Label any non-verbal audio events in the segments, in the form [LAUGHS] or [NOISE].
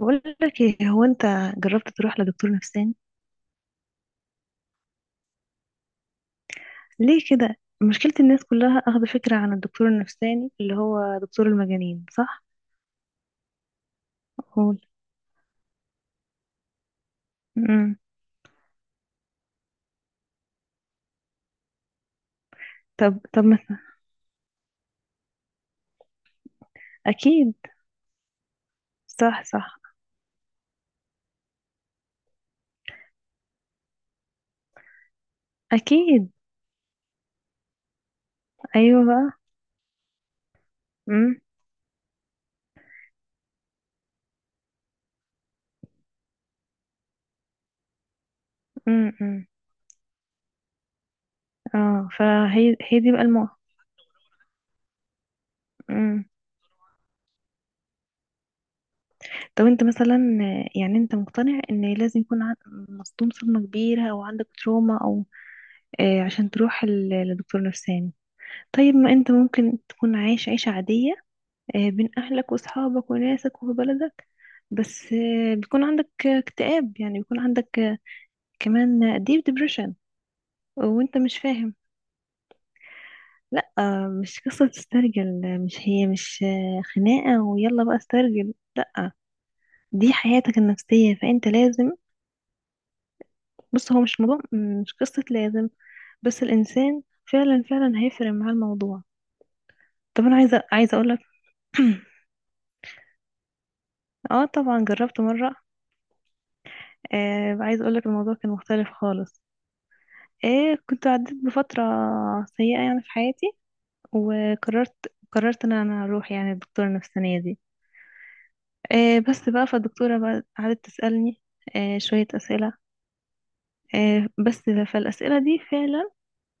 بقول لك ايه؟ هو انت جربت تروح لدكتور نفساني؟ ليه كده؟ مشكلة الناس كلها اخذ فكرة عن الدكتور النفساني اللي هو دكتور المجانين، صح؟ قول. امم طب مثلا. اكيد. صح صح. اكيد. ايوه بقى. امم أمم. اه، فهي هي دي بقى المو... امم طب انت مثلا، يعني انت مقتنع ان لازم يكون مصدوم صدمة كبيرة او عندك تروما او عشان تروح لدكتور نفساني؟ طيب، ما انت ممكن تكون عايش عيشة عادية، بين أهلك وأصحابك وناسك وفي بلدك، بس بيكون عندك اكتئاب، يعني بيكون عندك كمان ديب ديبريشن وانت مش فاهم. لا مش قصة تسترجل، مش هي، مش خناقة ويلا بقى استرجل، لا. دي حياتك النفسية فانت لازم... بص، هو مش موضوع، مش قصة لازم، بس الإنسان فعلا هيفرق معاه الموضوع. طب أنا عايزة أقولك... [CLEARS THROAT] اه طبعا، جربت مرة. آه عايزة أقولك الموضوع كان مختلف خالص. ايه، كنت عديت بفترة سيئة يعني في حياتي وقررت، قررت ان انا اروح يعني الدكتورة النفسانية دي. إيه بس بقى، فالدكتورة بقى قعدت تسألني إيه شوية أسئلة إيه بس، فالأسئلة دي فعلا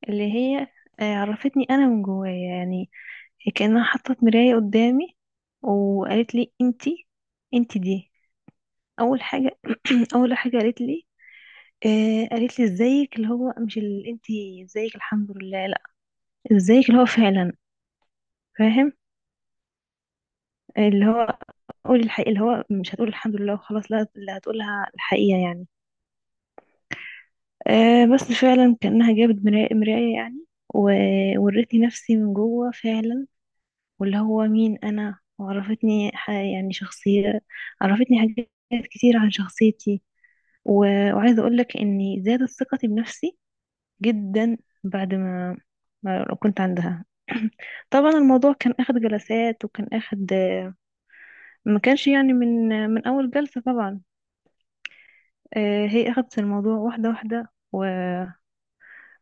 اللي هي إيه، عرفتني انا من جوايا يعني، كأنها حطت مراية قدامي وقالت لي انتي، انتي دي. اول حاجة [CLEARS THROAT] اول حاجة قالت لي، آه قالت لي ازيك؟ اللي هو مش ال... انتي ازيك؟ الحمد لله، لا. ازيك؟ اللي هو فعلا، فاهم، اللي هو قول الحقيقة، اللي هو مش هتقول الحمد لله وخلاص، لا، اللي هتقولها الحقيقة يعني. آه بس فعلا كأنها جابت مراية يعني، وورتني نفسي من جوه فعلا، واللي هو مين أنا، وعرفتني يعني شخصية، عرفتني حاجات كتير عن شخصيتي. وعايزة أقولك إني زادت ثقتي بنفسي جدا، بعد ما، ما كنت عندها. [CLEARS THROAT] طبعا الموضوع كان اخد جلسات وكان اخد، ما كانش يعني من اول جلسة طبعا. هي أخدت الموضوع واحدة واحدة و...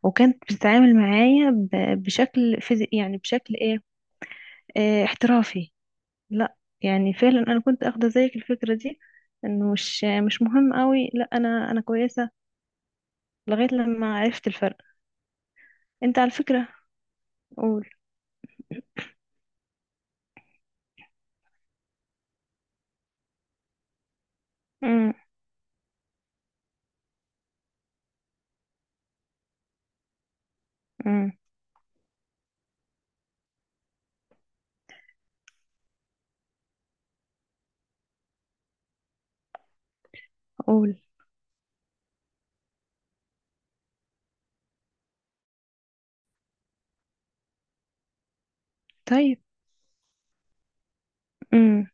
وكانت بتتعامل معايا ب... بشكل فيزي... يعني بشكل إيه، احترافي. لا يعني فعلا، أنا كنت أخدة زيك الفكرة دي، إنه مش مهم قوي، لا، أنا كويسة، لغاية لما عرفت الفرق. أنت على فكرة... قول. أمم، أمم، قول. طيب. أمم.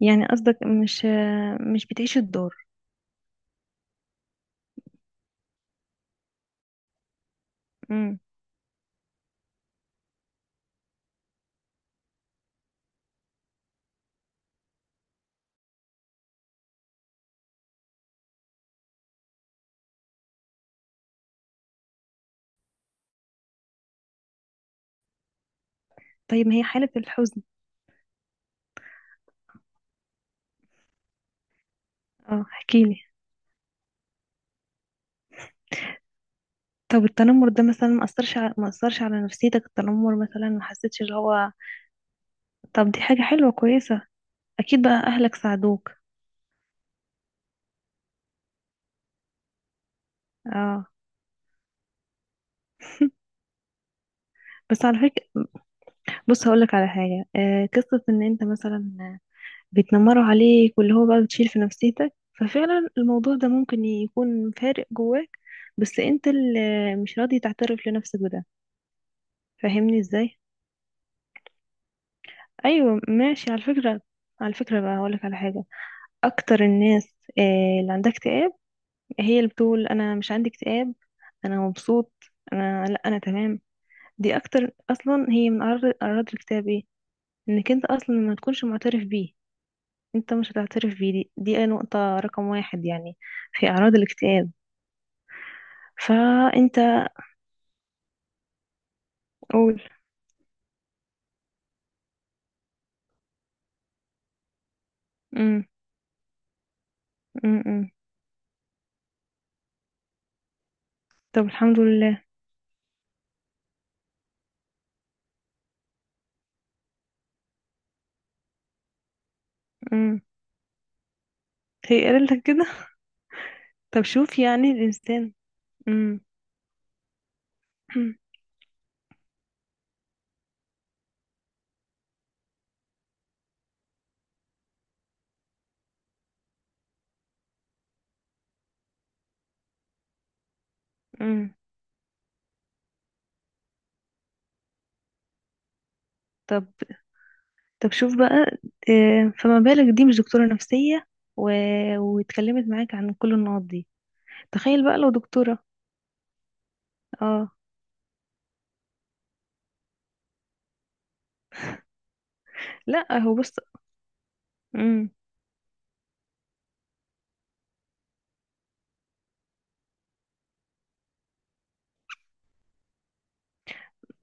يعني قصدك مش مش بتعيش الدور. أمم. طيب، ما هي حالة الحزن... اه احكيلي. طب التنمر ده مثلا ما اثرش على، ما اثرش على نفسيتك؟ التنمر مثلا ما حسيتش اللي هو... طب دي حاجة حلوة كويسة. اكيد بقى اهلك ساعدوك؟ اه. [LAUGHS] بس على فكرة، بص هقولك على حاجة. آه، قصة ان انت مثلا بيتنمروا عليك واللي هو بقى بتشيل في نفسيتك، ففعلا الموضوع ده ممكن يكون فارق جواك، بس انت اللي مش راضي تعترف لنفسك بده. فاهمني ازاي؟ ايوه ماشي. على فكرة، على فكرة بقى هقولك على حاجة. اكتر الناس اللي عندها اكتئاب هي اللي بتقول انا مش عندي اكتئاب، انا مبسوط، انا لا، انا تمام. دي اكتر اصلا هي من اعراض، اعراض الاكتئاب، ايه، انك انت اصلا ما تكونش معترف بيه. انت مش هتعترف بيه، دي، دي نقطة رقم واحد يعني في اعراض الاكتئاب. فانت... قول. امم امم طب الحمد لله. امم هي قالت لك كده؟ طب شوف يعني الانسان... امم امم طب، طب شوف بقى، فما بالك دي مش دكتورة نفسية و... واتكلمت معاك عن كل النقط دي. تخيل بقى لو دكتورة... اه. لا هو بص... امم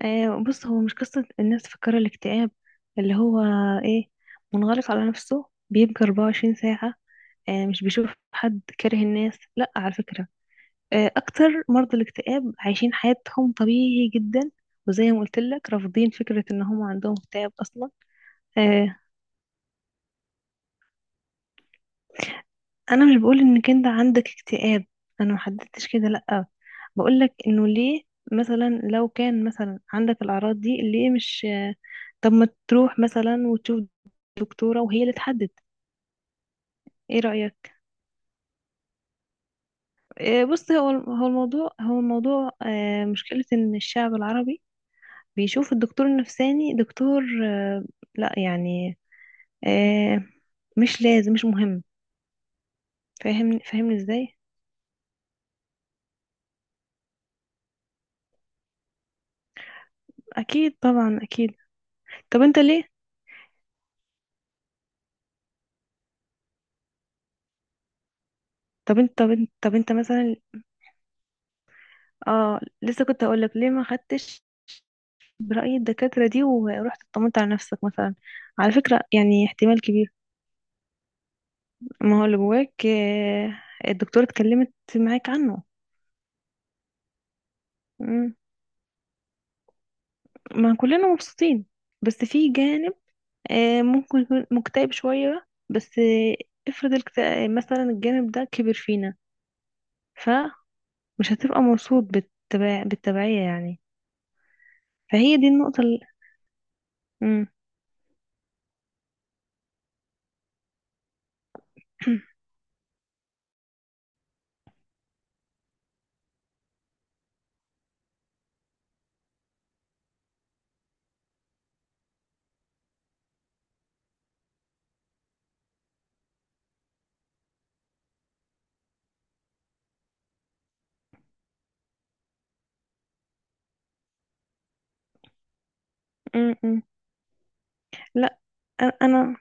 آه بص، هو مش قصة الناس فكر الاكتئاب اللي هو ايه، منغلق على نفسه، بيبقى 24 ساعة، آه، مش بيشوف حد، كاره الناس، لا على فكرة، آه اكتر مرضى الاكتئاب عايشين حياتهم طبيعي جدا، وزي ما قلت لك رافضين فكرة ان هم عندهم اكتئاب اصلا. آه، انا مش بقول انك انت عندك اكتئاب، انا محددتش كده لا، بقولك انه ليه مثلا لو كان مثلا عندك الاعراض دي ليه مش... طب ما تروح مثلا وتشوف دكتورة وهي اللي تحدد، ايه رأيك؟ إيه بص، هو الموضوع، هو الموضوع مشكلة ان الشعب العربي بيشوف الدكتور النفساني دكتور لا يعني آه، مش لازم، مش مهم. فاهمني، فاهمني ازاي؟ اكيد طبعا، اكيد. طب انت ليه... طب انت، طب انت، طب انت مثلا... اه لسه كنت هقول لك ليه ما خدتش برأي الدكاترة دي ورحت اطمنت على نفسك مثلا. على فكرة يعني احتمال كبير ما هو اللي جواك الدكتورة اتكلمت معاك عنه. مم. ما كلنا مبسوطين، بس في جانب ممكن يكون مكتئب شوية، بس افرض الكتئاب مثلا، الجانب ده كبر فينا، فمش هتبقى مبسوط بالتبع... بالتبعية يعني. فهي دي النقطة ال... مم. [CLEARS THROAT] مم، مم. لا، انا،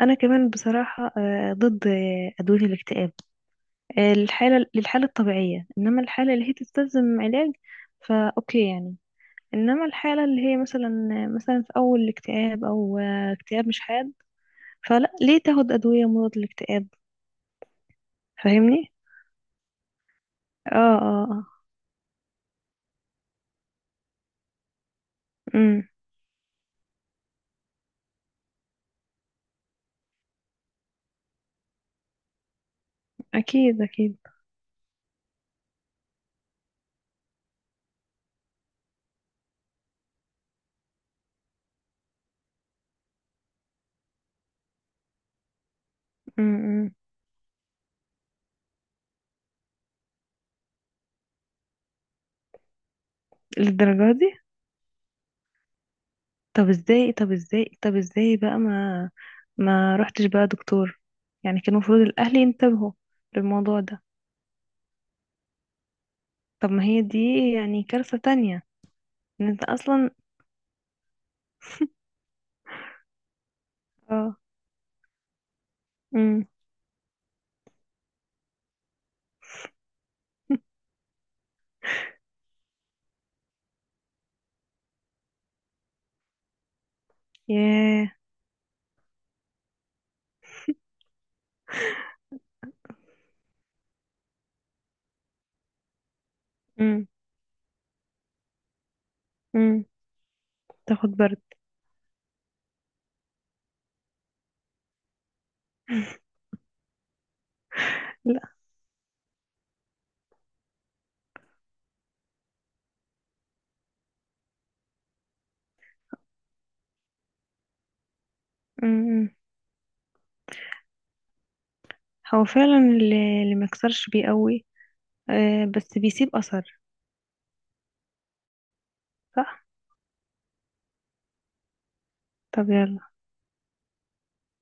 انا كمان بصراحه ضد ادويه الاكتئاب. الحاله للحاله الطبيعيه، انما الحاله اللي هي تستلزم علاج فاوكي يعني، انما الحاله اللي هي مثلا، مثلا في اول اكتئاب او اكتئاب مش حاد فلا، ليه تاخد ادويه مضاد للاكتئاب؟ فاهمني. اه اه اه. امم اكيد اكيد. امم للدرجه دي؟ طب ازاي، طب ازاي، طب ازاي بقى، ما رحتش بقى دكتور؟ يعني كان المفروض الاهل ينتبهوا للموضوع ده. طب ما هي دي يعني كارثة تانية، ان انت اصلا... اه. امم ياه. امم امم تاخد برد. لا. امم امم. هو فعلا اللي اللي مكسرش بيقوي، آه بس بيسيب اثر. صح. طب يلا.